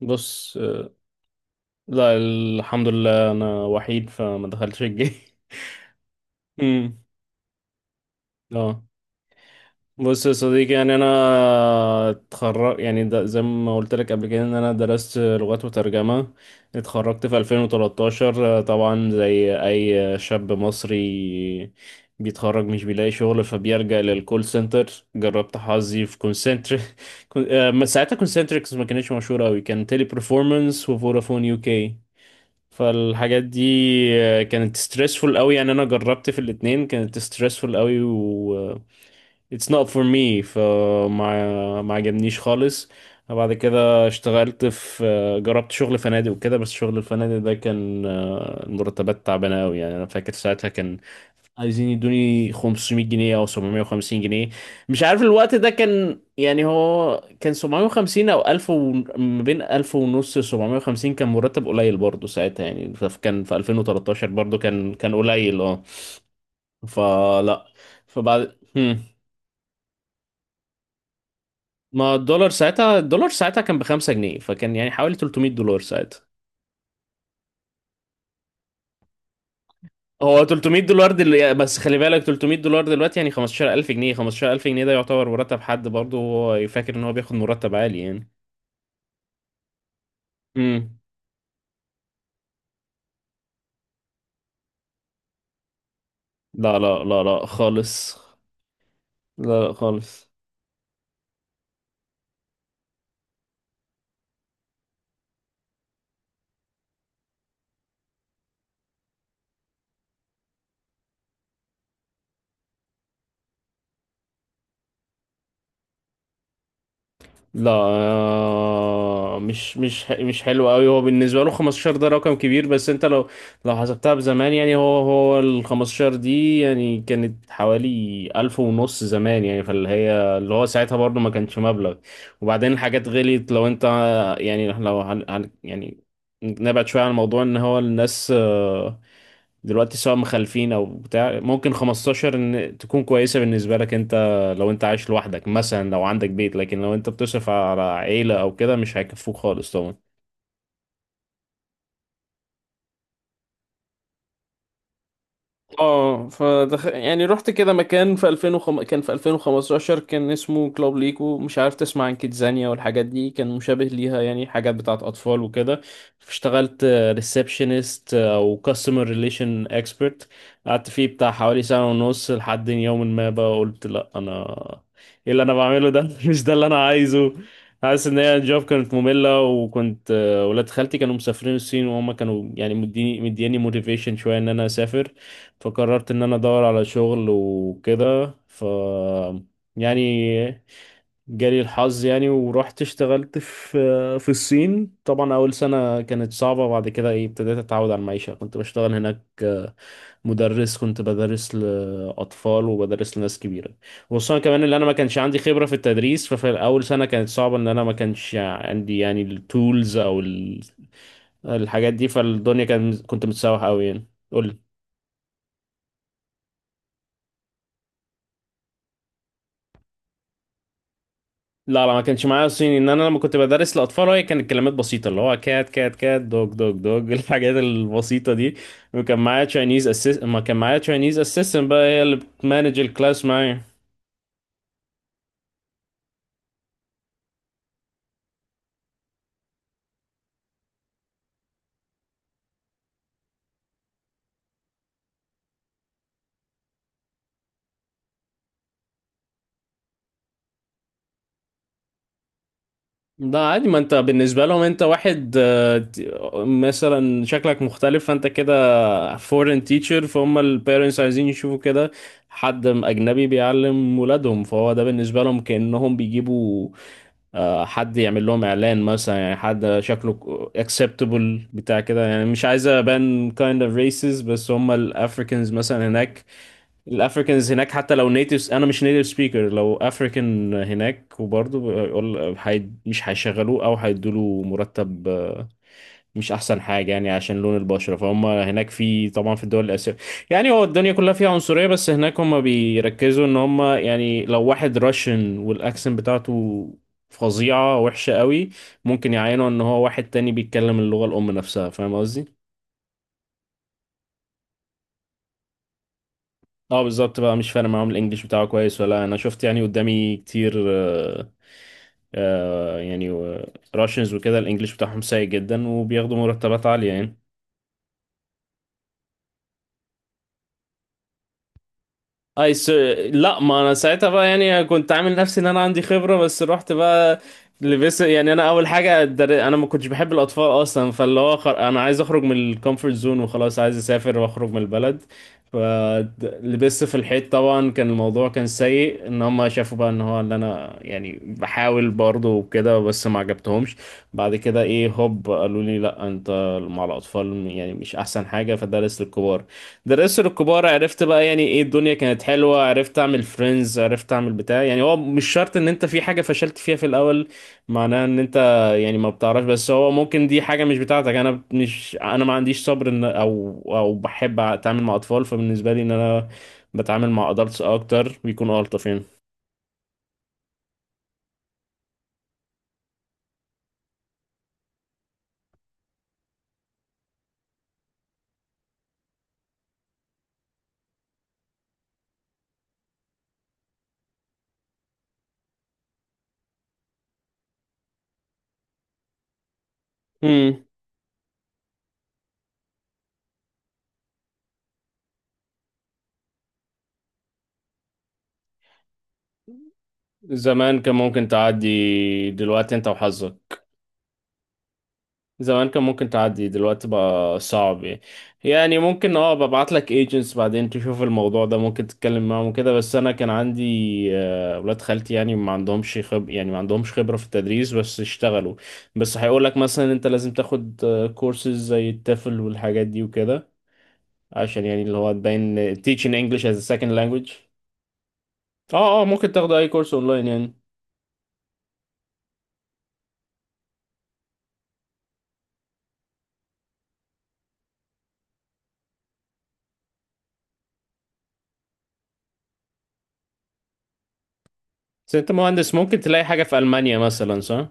بص. لا، الحمد لله، انا وحيد فما دخلتش الجيش. امم اه. بص يا صديقي، يعني انا اتخرج، يعني ده زي ما قلت لك قبل كده ان انا درست لغات وترجمة. اتخرجت في 2013، طبعا زي اي شاب مصري بيتخرج مش بيلاقي شغل، فبيلجأ للكول سنتر. جربت حظي في كونسنتر ساعتها كونسنتريكس ما كانتش مشهورة قوي، كان تيلي برفورمانس وفودافون يو كي فالحاجات دي. كانت stressful قوي، يعني انا جربت في الاتنين كانت stressful قوي، و it's not for me، فما ما عجبنيش خالص. بعد كده اشتغلت في جربت شغل فنادق وكده، بس شغل الفنادق ده كان المرتبات تعبانة قوي. يعني انا فاكر ساعتها كان عايزين يدوني 500 جنيه او 750 جنيه، مش عارف الوقت ده كان. يعني هو كان 750 او 1000 ما بين 1000 ونص، 750 كان مرتب قليل برضه ساعتها، يعني كان في 2013 برضه، كان قليل. اه. فلا. فبعد هم. ما الدولار ساعتها، الدولار ساعتها كان ب 5 جنيه، فكان يعني حوالي 300 دولار ساعتها. هو 300 دولار بس خلي بالك 300 دولار دلوقتي يعني 15000 جنيه. 15000 جنيه ده يعتبر مرتب حد، برضه هو فاكر ان هو بياخد مرتب عالي يعني. امم لا لا لا لا خالص. لا لا خالص. لا، مش حلو قوي. هو بالنسبه له 15 ده رقم كبير، بس انت لو حسبتها بزمان، يعني هو ال 15 دي يعني كانت حوالي 1000 ونص زمان، يعني فاللي هي، اللي هو ساعتها برضه ما كانش مبلغ، وبعدين الحاجات غليت. لو انت يعني لو يعني نبعد شويه عن الموضوع. ان هو الناس دلوقتي سواء مخلفين او بتاع، ممكن 15 ان تكون كويسه بالنسبه لك انت، لو انت عايش لوحدك مثلا، لو عندك بيت، لكن لو انت بتصرف على عيلة او كده مش هيكفوك خالص طبعا. اه، يعني رحت كده مكان في 2005، كان في 2015، كان اسمه كلوب ليكو. مش عارف تسمع عن كيدزانيا والحاجات دي، كان مشابه ليها، يعني حاجات بتاعت اطفال وكده. اشتغلت ريسبشنست او كاستمر ريليشن اكسبرت. قعدت فيه بتاع حوالي سنة ونص، لحد يوم ما بقى قلت: لا، انا ايه اللي انا بعمله ده؟ مش ده اللي انا عايزه. حاسس ان هي الجوب كانت مملة، وكنت ولاد خالتي كانوا مسافرين الصين، وهم كانوا يعني مدياني موتيفيشن شوية ان انا اسافر. فقررت ان انا ادور على شغل وكده، ف، يعني جالي الحظ، يعني ورحت اشتغلت في الصين. طبعا اول سنة كانت صعبة، بعد كده ايه ابتديت اتعود على المعيشة. كنت بشتغل هناك مدرس، كنت بدرس لأطفال وبدرس لناس كبيرة. وخصوصا كمان ان انا ما كانش عندي خبرة في التدريس. ففي اول سنة كانت صعبة ان انا ما كانش عندي يعني التولز او الحاجات دي. فالدنيا كان كنت متسوح قوي يعني. قول لي. لا لا ما كانش معايا صيني. ان انا لما كنت بدرس لاطفال هي كانت كلمات بسيطه، اللي هو كات كات كات دوج دوج دوج الحاجات البسيطه دي. وكان معايا تشاينيز اسيس ما كان معايا تشاينيز اسيستنت بقى، هي اللي بتمانج الكلاس معايا. ده عادي، ما انت بالنسبه لهم انت واحد، مثلا شكلك مختلف، فانت كده فورين تيتشر، فهم البيرنتس عايزين يشوفوا كده حد اجنبي بيعلم ولادهم، فهو ده بالنسبه لهم كانهم بيجيبوا حد يعمل لهم اعلان مثلا. يعني حد شكله acceptable بتاع كده، يعني مش عايز ابان kind of racist، بس هم الافريكانز مثلا هناك، الافريكانز هناك حتى لو natives، انا مش native speaker، لو افريكان هناك وبرضه بيقول مش هيشغلوه او هيدوله مرتب، مش احسن حاجه، يعني عشان لون البشره. فهم هناك في طبعا في الدول الاسيويه، يعني هو الدنيا كلها فيها عنصريه، بس هناك هم بيركزوا ان هم، يعني لو واحد راشن والاكسنت بتاعته فظيعه وحشه قوي، ممكن يعينوا ان هو واحد تاني بيتكلم اللغه الام نفسها. فاهم قصدي. اه بالظبط بقى، مش فارق معاهم الانجليش بتاعه كويس ولا. انا شفت يعني قدامي كتير، راشنز وكده الانجليش بتاعهم سيء جدا وبياخدوا مرتبات عاليه يعني. اي س... لا، ما انا ساعتها بقى يعني كنت عامل نفسي ان انا عندي خبره، بس رحت بقى لبس. يعني انا اول حاجه در... انا ما كنتش بحب الاطفال اصلا. فاللي هو انا عايز اخرج من الكومفورت زون وخلاص، عايز اسافر واخرج من البلد. فلبست في الحيط طبعا، كان الموضوع كان سيء ان هم شافوا بقى ان هو ان انا يعني بحاول برضه وكده، بس ما عجبتهمش. بعد كده ايه هوب قالوا لي: لا، انت مع الاطفال يعني مش احسن حاجه، فدرس للكبار. درست الكبار، عرفت بقى يعني ايه، الدنيا كانت حلوة، عرفت اعمل فريندز، عرفت اعمل بتاع. يعني هو مش شرط ان انت في حاجة فشلت فيها في الاول معناها ان انت، يعني ما بتعرفش، بس هو ممكن دي حاجة مش بتاعتك. انا ما عنديش صبر ان او او بحب اتعامل مع اطفال. فبالنسبة لي ان انا بتعامل مع ادلتس اكتر بيكونوا الطف يعني. امم زمان كان ممكن تعدي، دلوقتي انت وحظك. زمان كان ممكن تعدي دلوقتي بقى صعب يعني. يعني ممكن اه ببعت لك ايجنتس بعدين، تشوف الموضوع ده ممكن تتكلم معاهم وكده. بس انا كان عندي ولاد خالتي، يعني ما عندهمش خبرة في التدريس بس اشتغلوا. بس هيقول لك مثلا انت لازم تاخد كورسز زي التافل والحاجات دي وكده، عشان يعني اللي هو تبين teaching English as a second language. اه اه ممكن تاخد اي كورس اونلاين يعني. بس انت مهندس ممكن تلاقي حاجة في ألمانيا مثلا، صح؟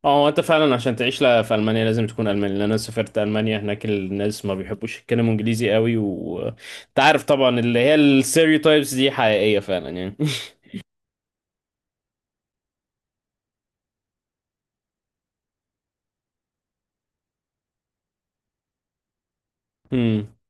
اه. هو انت فعلا عشان تعيش لا، في المانيا لازم تكون الماني، لان انا سافرت المانيا. هناك الناس ما بيحبوش يتكلموا انجليزي قوي، وانت عارف طبعا اللي هي الستيreotypes دي حقيقيه فعلا يعني.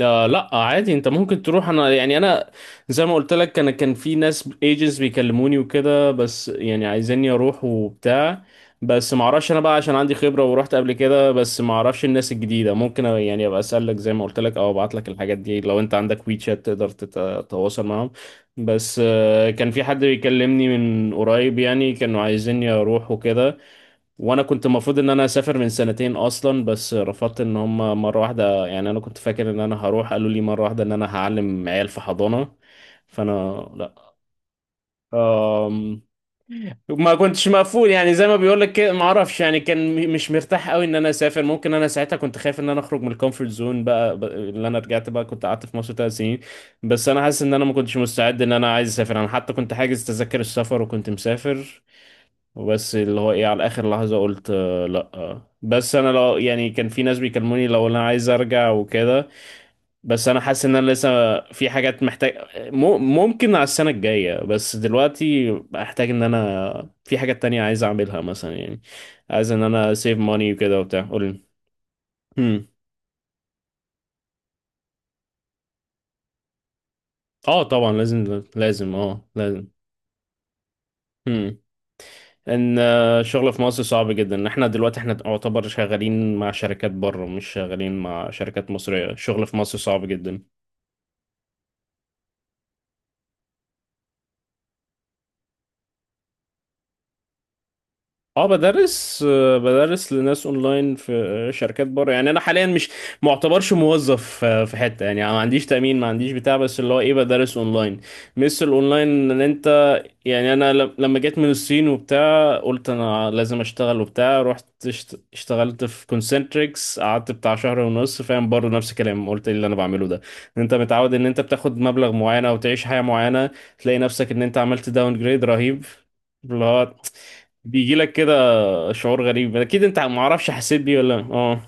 آه، لا عادي، انت ممكن تروح. انا زي ما قلت لك، انا كان في ناس ايجنتس بيكلموني وكده، بس يعني عايزيني اروح وبتاع. بس ما اعرفش انا بقى، عشان عندي خبرة ورحت قبل كده، بس ما اعرفش الناس الجديدة. ممكن يعني ابقى اسالك زي ما قلت لك، او ابعت لك الحاجات دي لو انت عندك ويتشات تقدر تتواصل معاهم. بس آه كان في حد بيكلمني من قريب يعني، كانوا عايزيني اروح وكده. وانا كنت المفروض ان انا اسافر من سنتين اصلا، بس رفضت ان هم مره واحده يعني انا كنت فاكر ان انا هروح، قالوا لي مره واحده ان انا هعلم عيال في حضانه. فانا لا. أم... ما كنتش مقفول يعني، زي ما بيقول لك كده ما اعرفش، يعني كان مش مرتاح قوي ان انا اسافر. ممكن انا ساعتها كنت خايف ان انا اخرج من الكومفورت زون بقى اللي انا رجعت بقى كنت قعدت في مصر 3 سنين، بس انا حاسس ان انا ما كنتش مستعد ان انا عايز اسافر. انا حتى كنت حاجز تذاكر السفر وكنت مسافر، وبس اللي هو ايه على اخر لحظة قلت: لا بس انا لو يعني كان في ناس بيكلموني لو انا عايز ارجع وكده، بس انا حاسس ان انا لسه في حاجات محتاج، ممكن على السنة الجاية، بس دلوقتي احتاج ان انا في حاجات تانية عايز اعملها مثلا، يعني عايز ان انا سيف ماني وكده وبتاع. قول لي. هم. اه طبعا لازم لازم اه لازم ان الشغل في مصر صعب جدا، ان احنا دلوقتي احنا نعتبر شغالين مع شركات بره مش شغالين مع شركات مصرية. الشغل في مصر صعب جدا. اه بدرس بدرس لناس اونلاين في شركات بره، يعني انا حاليا مش معتبرش موظف في حتة يعني ما عنديش تأمين ما عنديش بتاع، بس اللي هو ايه بدرس اونلاين. مثل الاونلاين ان انت، يعني انا لما جيت من الصين وبتاع قلت انا لازم اشتغل وبتاع، رحت اشتغلت في كونسنتريكس، قعدت بتاع شهر ونص، فاهم برضه نفس الكلام، قلت ايه اللي انا بعمله ده؟ ان انت متعود ان انت بتاخد مبلغ معين او تعيش حياة معينة، تلاقي نفسك ان انت عملت داون جريد رهيب. اللي هو بيجي لك كده شعور غريب، اكيد انت ما اعرفش حسيت بيه ولا. اه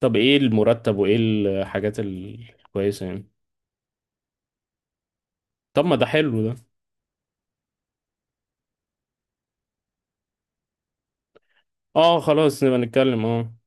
طب ايه المرتب وايه الحاجات الكويسة يعني. طب ما ده حلو ده. اه خلاص نبقى نتكلم اه.